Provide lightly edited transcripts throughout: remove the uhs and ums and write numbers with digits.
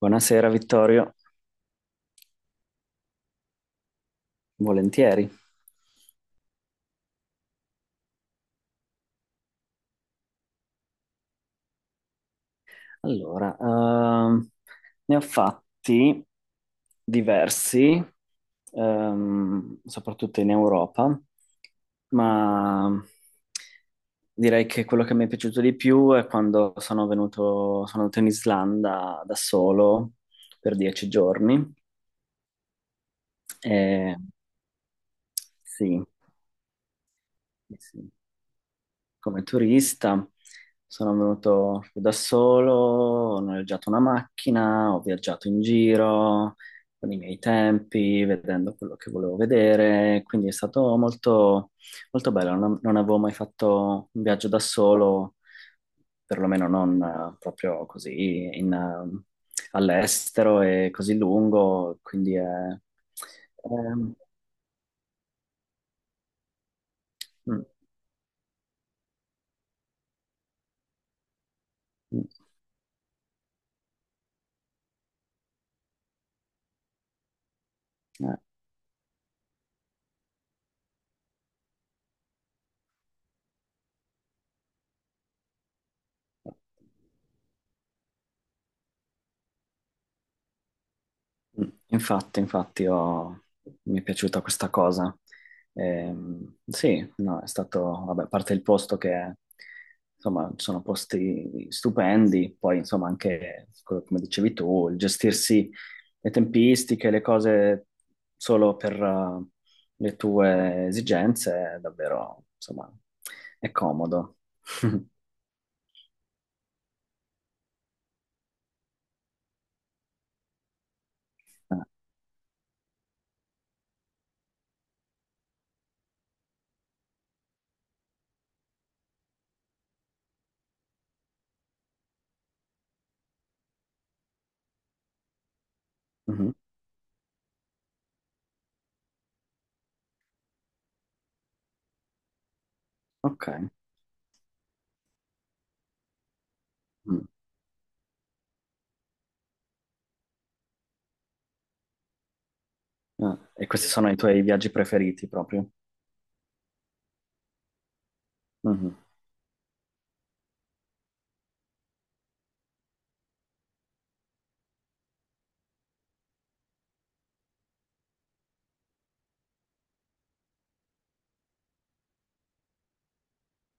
Buonasera Vittorio, volentieri. Allora, ne ho fatti diversi, soprattutto in Europa, ma direi che quello che mi è piaciuto di più è quando sono andato in Islanda da solo per dieci giorni. E, sì, sì. Come turista, sono venuto da solo, ho noleggiato una macchina, ho viaggiato in giro con i miei tempi, vedendo quello che volevo vedere, quindi è stato molto bello. Non avevo mai fatto un viaggio da solo, perlomeno non proprio così all'estero e così lungo, è- mm, mm, eh. Mm, infatti, mi è piaciuta questa cosa. Sì, no, è stato, vabbè, a parte il posto che, insomma, sono posti stupendi, poi, insomma, anche, come dicevi tu, il gestirsi le tempistiche, le cose solo per le tue esigenze, è davvero, insomma, è comodo. Ah, mhm, ok. Mm. Ah, e questi sono i tuoi viaggi preferiti proprio? Mhm.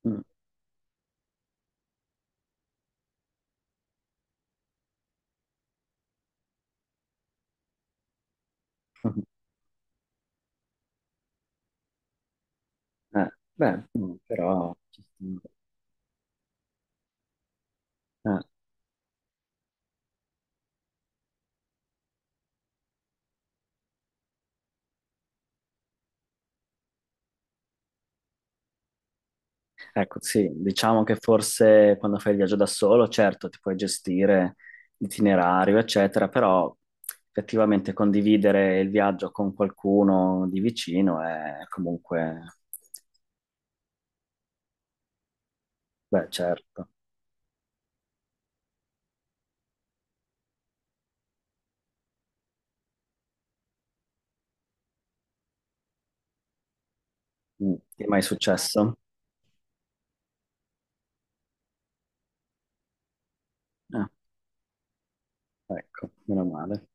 Mm. Mhm. Eh, beh, mm, però ci sta. Eh, ecco, sì, diciamo che forse quando fai il viaggio da solo, certo, ti puoi gestire l'itinerario, eccetera, però effettivamente condividere il viaggio con qualcuno di vicino è comunque, beh, certo. Mm, ti è mai successo? Ah, ecco, meno male.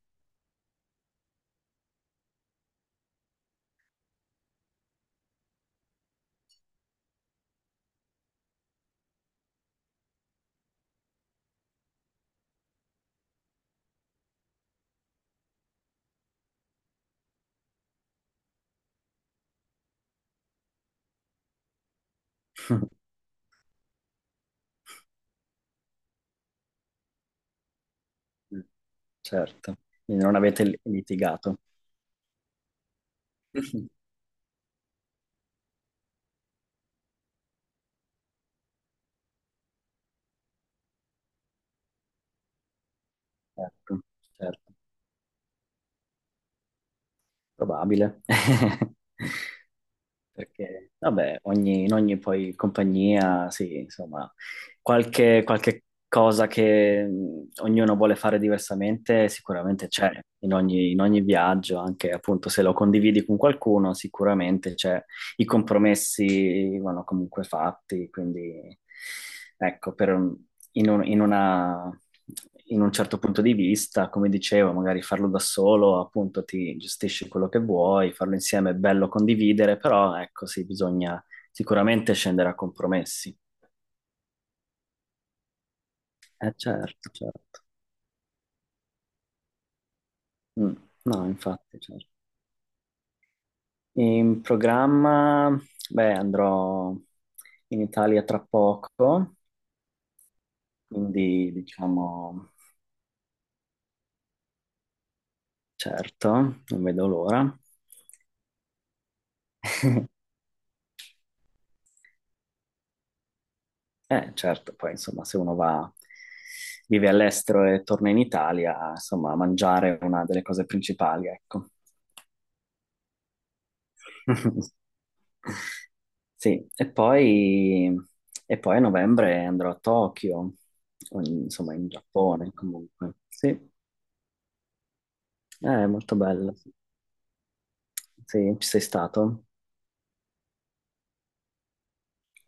Mm, certo, quindi non avete litigato. Ecco, certo, probabile. Perché, vabbè, in ogni poi compagnia, sì, insomma, qualche cosa che ognuno vuole fare diversamente sicuramente c'è in in ogni viaggio, anche appunto se lo condividi con qualcuno, sicuramente c'è, i compromessi vanno comunque fatti, quindi ecco, per, in un, in una- in un certo punto di vista, come dicevo, magari farlo da solo, appunto ti gestisci quello che vuoi, farlo insieme è bello condividere, però ecco sì, bisogna sicuramente scendere a compromessi. Eh certo, certo. Mm, no, infatti, certo. In programma, beh, andrò in Italia tra poco, quindi diciamo, certo, non vedo l'ora. Certo, poi insomma, se uno va, vive all'estero e torna in Italia, insomma, mangiare è una delle cose principali, ecco. Sì, e poi a novembre andrò a Tokyo, o insomma, in Giappone comunque. Sì, è molto bello. Sì, ci sei stato?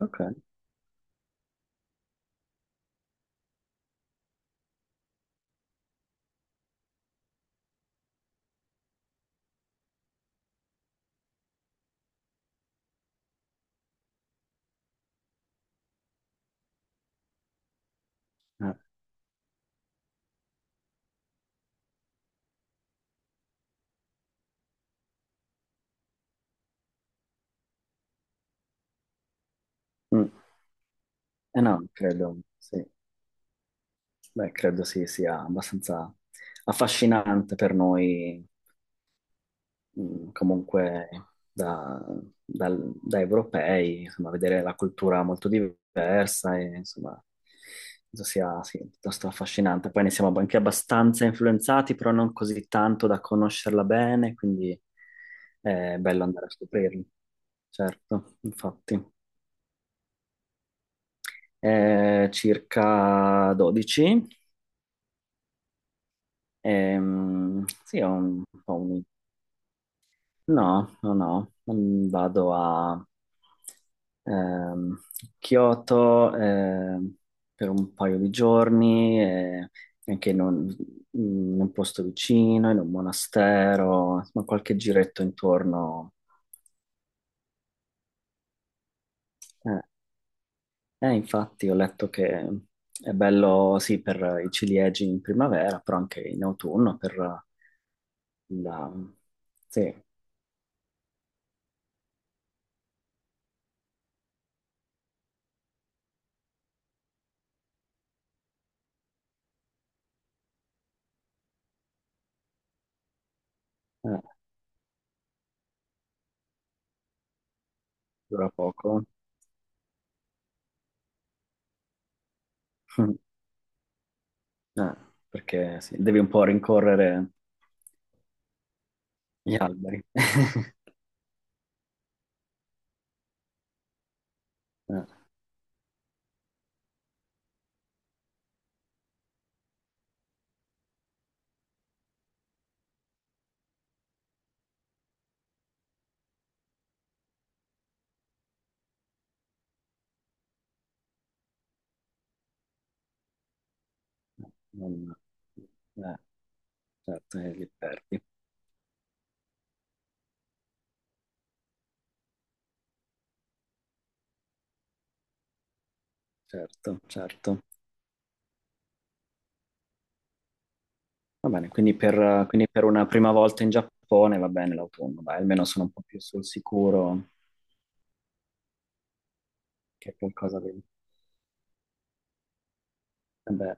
Ok. Eh, mm. Eh no, credo, sì. Beh, credo sì, sia abbastanza affascinante per noi comunque da, da europei, insomma, vedere la cultura molto diversa e insomma penso sia sì, piuttosto affascinante. Poi ne siamo anche abbastanza influenzati, però non così tanto da conoscerla bene, quindi è bello andare a scoprirlo. Certo, infatti. Circa 12. Sì, ho un, po' un no, no, no, mm, vado a ehm, Kyoto per un paio di giorni, e anche in in un posto vicino, in un monastero, insomma qualche giretto intorno. Eh, infatti ho letto che è bello sì per i ciliegi in primavera, però anche in autunno per la... Sì, dura poco. Eh, perché sì, devi un po' rincorrere gli alberi. Eh, non- eh, certo, li perdi. Certo, certo. Va bene, quindi per una prima volta in Giappone va bene l'autunno, dai, almeno sono un po' più sul sicuro che qualcosa di... Eh beh,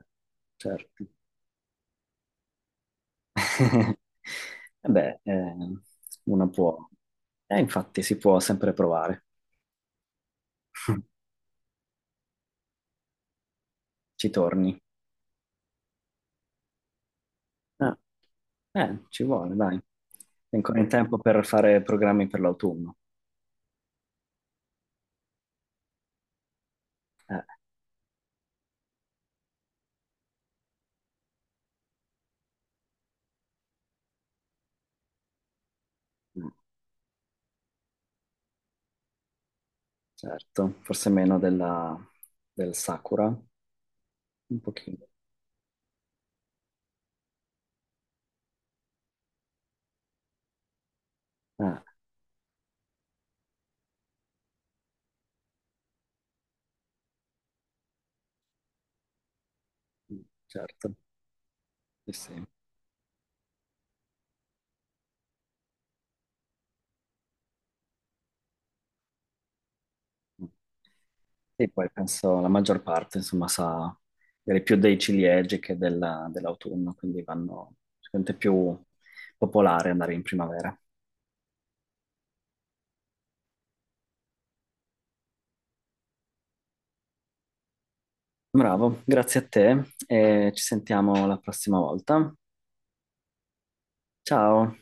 certo. Eh beh, eh, uno può... infatti si può sempre provare. Ci torni. Ah. Ci vuole, dai. È ancora in tempo per fare programmi per l'autunno. Eh, mm, certo, forse meno del Sakura, un pochino. Eh, mm, certo, sì, sì. Mm. E poi penso la maggior parte, insomma, sa dire più dei ciliegi che dell'autunno, quindi vanno sicuramente più popolare andare in primavera. Bravo, grazie a te e ci sentiamo la prossima volta. Ciao.